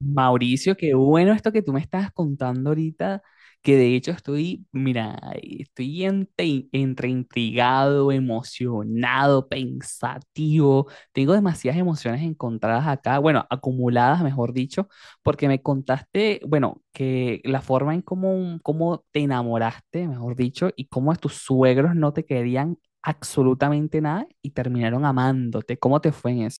Mauricio, qué bueno esto que tú me estás contando ahorita, que de hecho estoy, mira, estoy entre intrigado, emocionado, pensativo. Tengo demasiadas emociones encontradas acá, bueno, acumuladas, mejor dicho, porque me contaste, bueno, que la forma en cómo te enamoraste, mejor dicho, y cómo tus suegros no te querían absolutamente nada y terminaron amándote. ¿Cómo te fue en eso?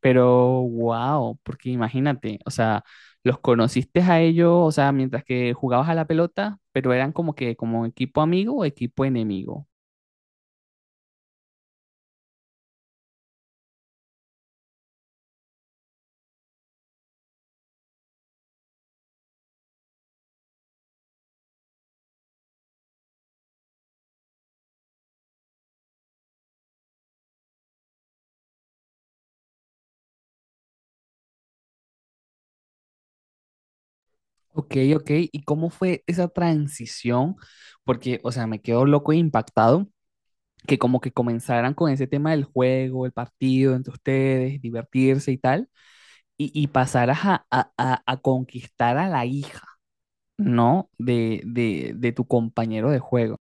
Pero wow, porque imagínate, o sea, los conociste a ellos, o sea, mientras que jugabas a la pelota, pero eran como que como equipo amigo o equipo enemigo. Ok, ok, ¿y cómo fue esa transición? Porque, o sea, me quedo loco e impactado que como que comenzaran con ese tema del juego, el partido entre ustedes, divertirse y tal, y pasaras a, a conquistar a la hija, ¿no? De tu compañero de juego.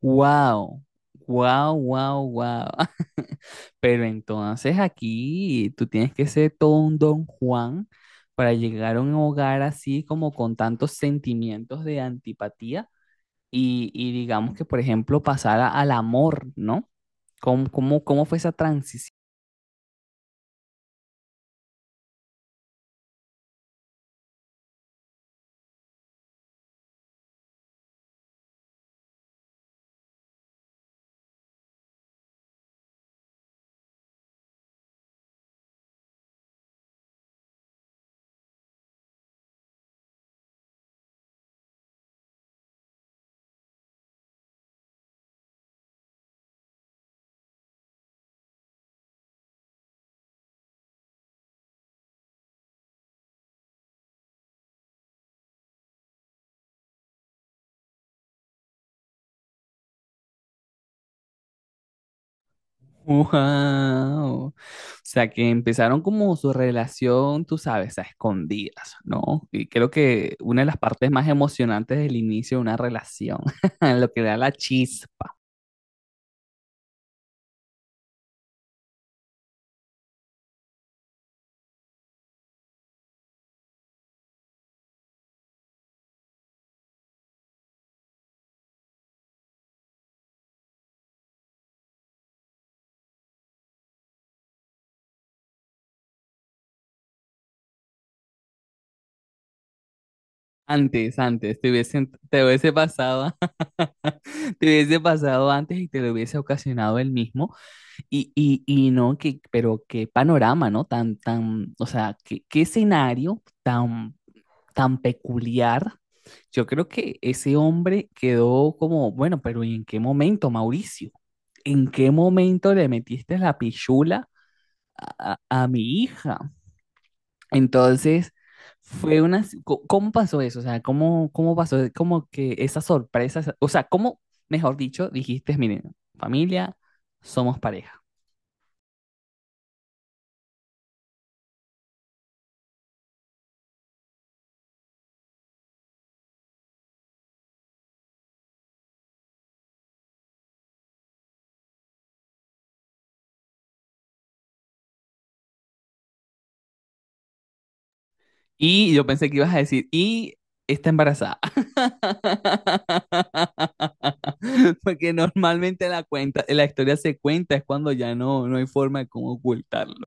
Wow, wow, wow, wow. Pero entonces aquí tú tienes que ser todo un don Juan para llegar a un hogar así como con tantos sentimientos de antipatía y digamos que, por ejemplo, pasar al amor, ¿no? ¿Cómo, cómo fue esa transición? Wow. O sea que empezaron como su relación, tú sabes, a escondidas, ¿no? Y creo que una de las partes más emocionantes del inicio de una relación, lo que da la chispa. Antes, antes, te hubiesen, te hubiese pasado, te hubiese pasado antes y te lo hubiese ocasionado el mismo. Y no, que, pero qué panorama, ¿no? O sea, qué, qué escenario tan tan peculiar, yo creo que ese hombre quedó como, bueno, pero ¿y en qué momento, Mauricio? ¿En qué momento le metiste la pichula a mi hija? Entonces, fue una si, co- ¿cómo pasó eso? O sea, ¿cómo, cómo pasó? Como que esa sorpresa, esa, o sea, ¿cómo, mejor dicho, dijiste, miren, familia, somos pareja? Y yo pensé que ibas a decir, y está embarazada. Porque normalmente la cuenta, la historia se cuenta, es cuando ya no hay forma de cómo ocultarlo.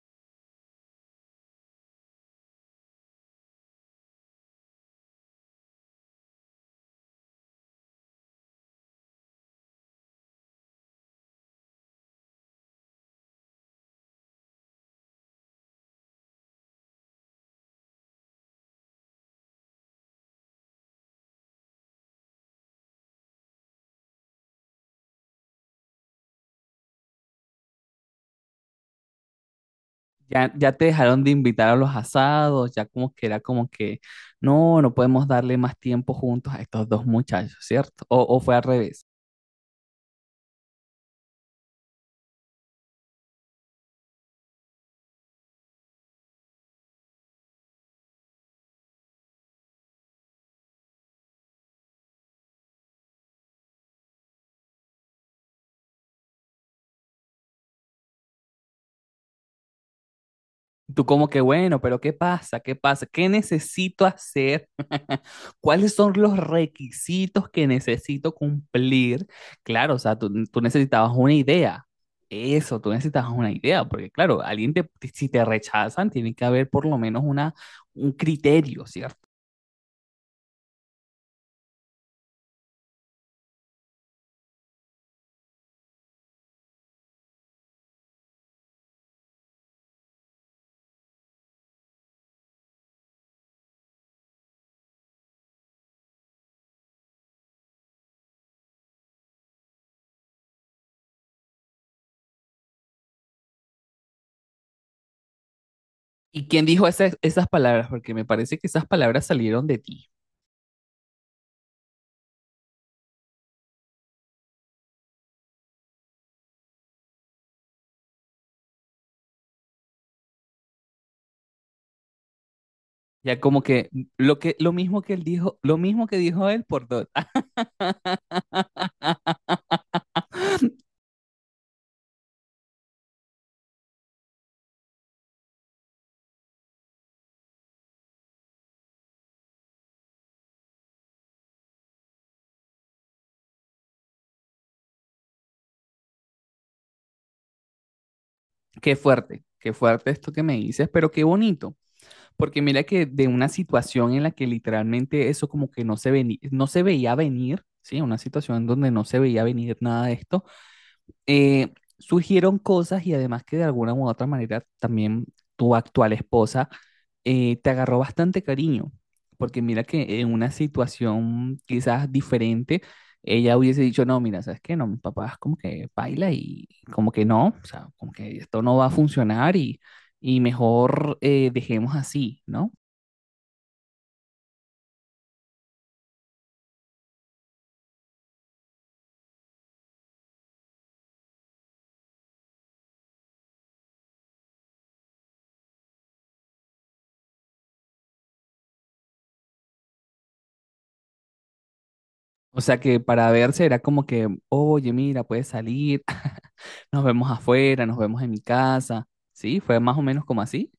Ya, ya te dejaron de invitar a los asados, ya como que era como que, no, no podemos darle más tiempo juntos a estos dos muchachos, ¿cierto? O fue al revés. Tú como que bueno, pero ¿qué pasa? ¿Qué pasa? ¿Qué necesito hacer? ¿Cuáles son los requisitos que necesito cumplir? Claro, o sea, tú necesitabas una idea. Eso, tú necesitas una idea, porque claro, alguien te, si te rechazan, tiene que haber por lo menos una, un criterio, ¿cierto? ¿Y quién dijo esas, esas palabras? Porque me parece que esas palabras salieron de ti. Ya como que mm, lo que lo mismo que él dijo, lo mismo que dijo él por dos. Ah, qué fuerte esto que me dices, pero qué bonito. Porque mira que de una situación en la que literalmente eso como que no se no se veía venir, ¿sí? Una situación donde no se veía venir nada de esto, eh, surgieron cosas y además que de alguna u otra manera también tu actual esposa te agarró bastante cariño, porque mira que en una situación quizás diferente, ella hubiese dicho, no, mira, ¿sabes qué? No, mi papá es como que baila y como que no, o sea, como que esto no va a funcionar y mejor dejemos así, ¿no? O sea que para verse era como que, oye, mira, puedes salir, nos vemos afuera, nos vemos en mi casa. Sí, fue más o menos como así.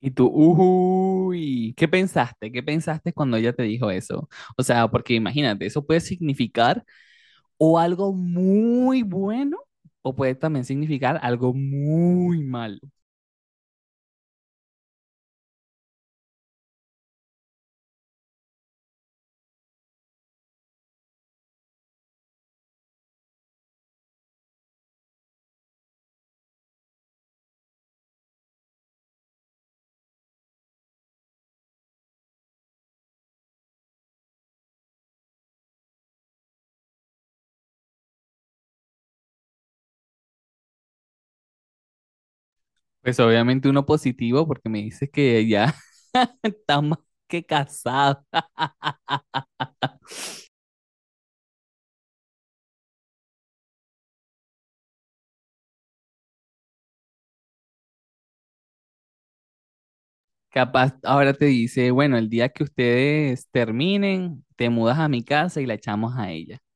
Y tú, uy, ¿qué pensaste? ¿Qué pensaste cuando ella te dijo eso? O sea, porque imagínate, eso puede significar o algo muy bueno o puede también significar algo muy malo. Pues obviamente uno positivo porque me dices que ya está más que casado. Capaz ahora te dice, bueno, el día que ustedes terminen, te mudas a mi casa y la echamos a ella.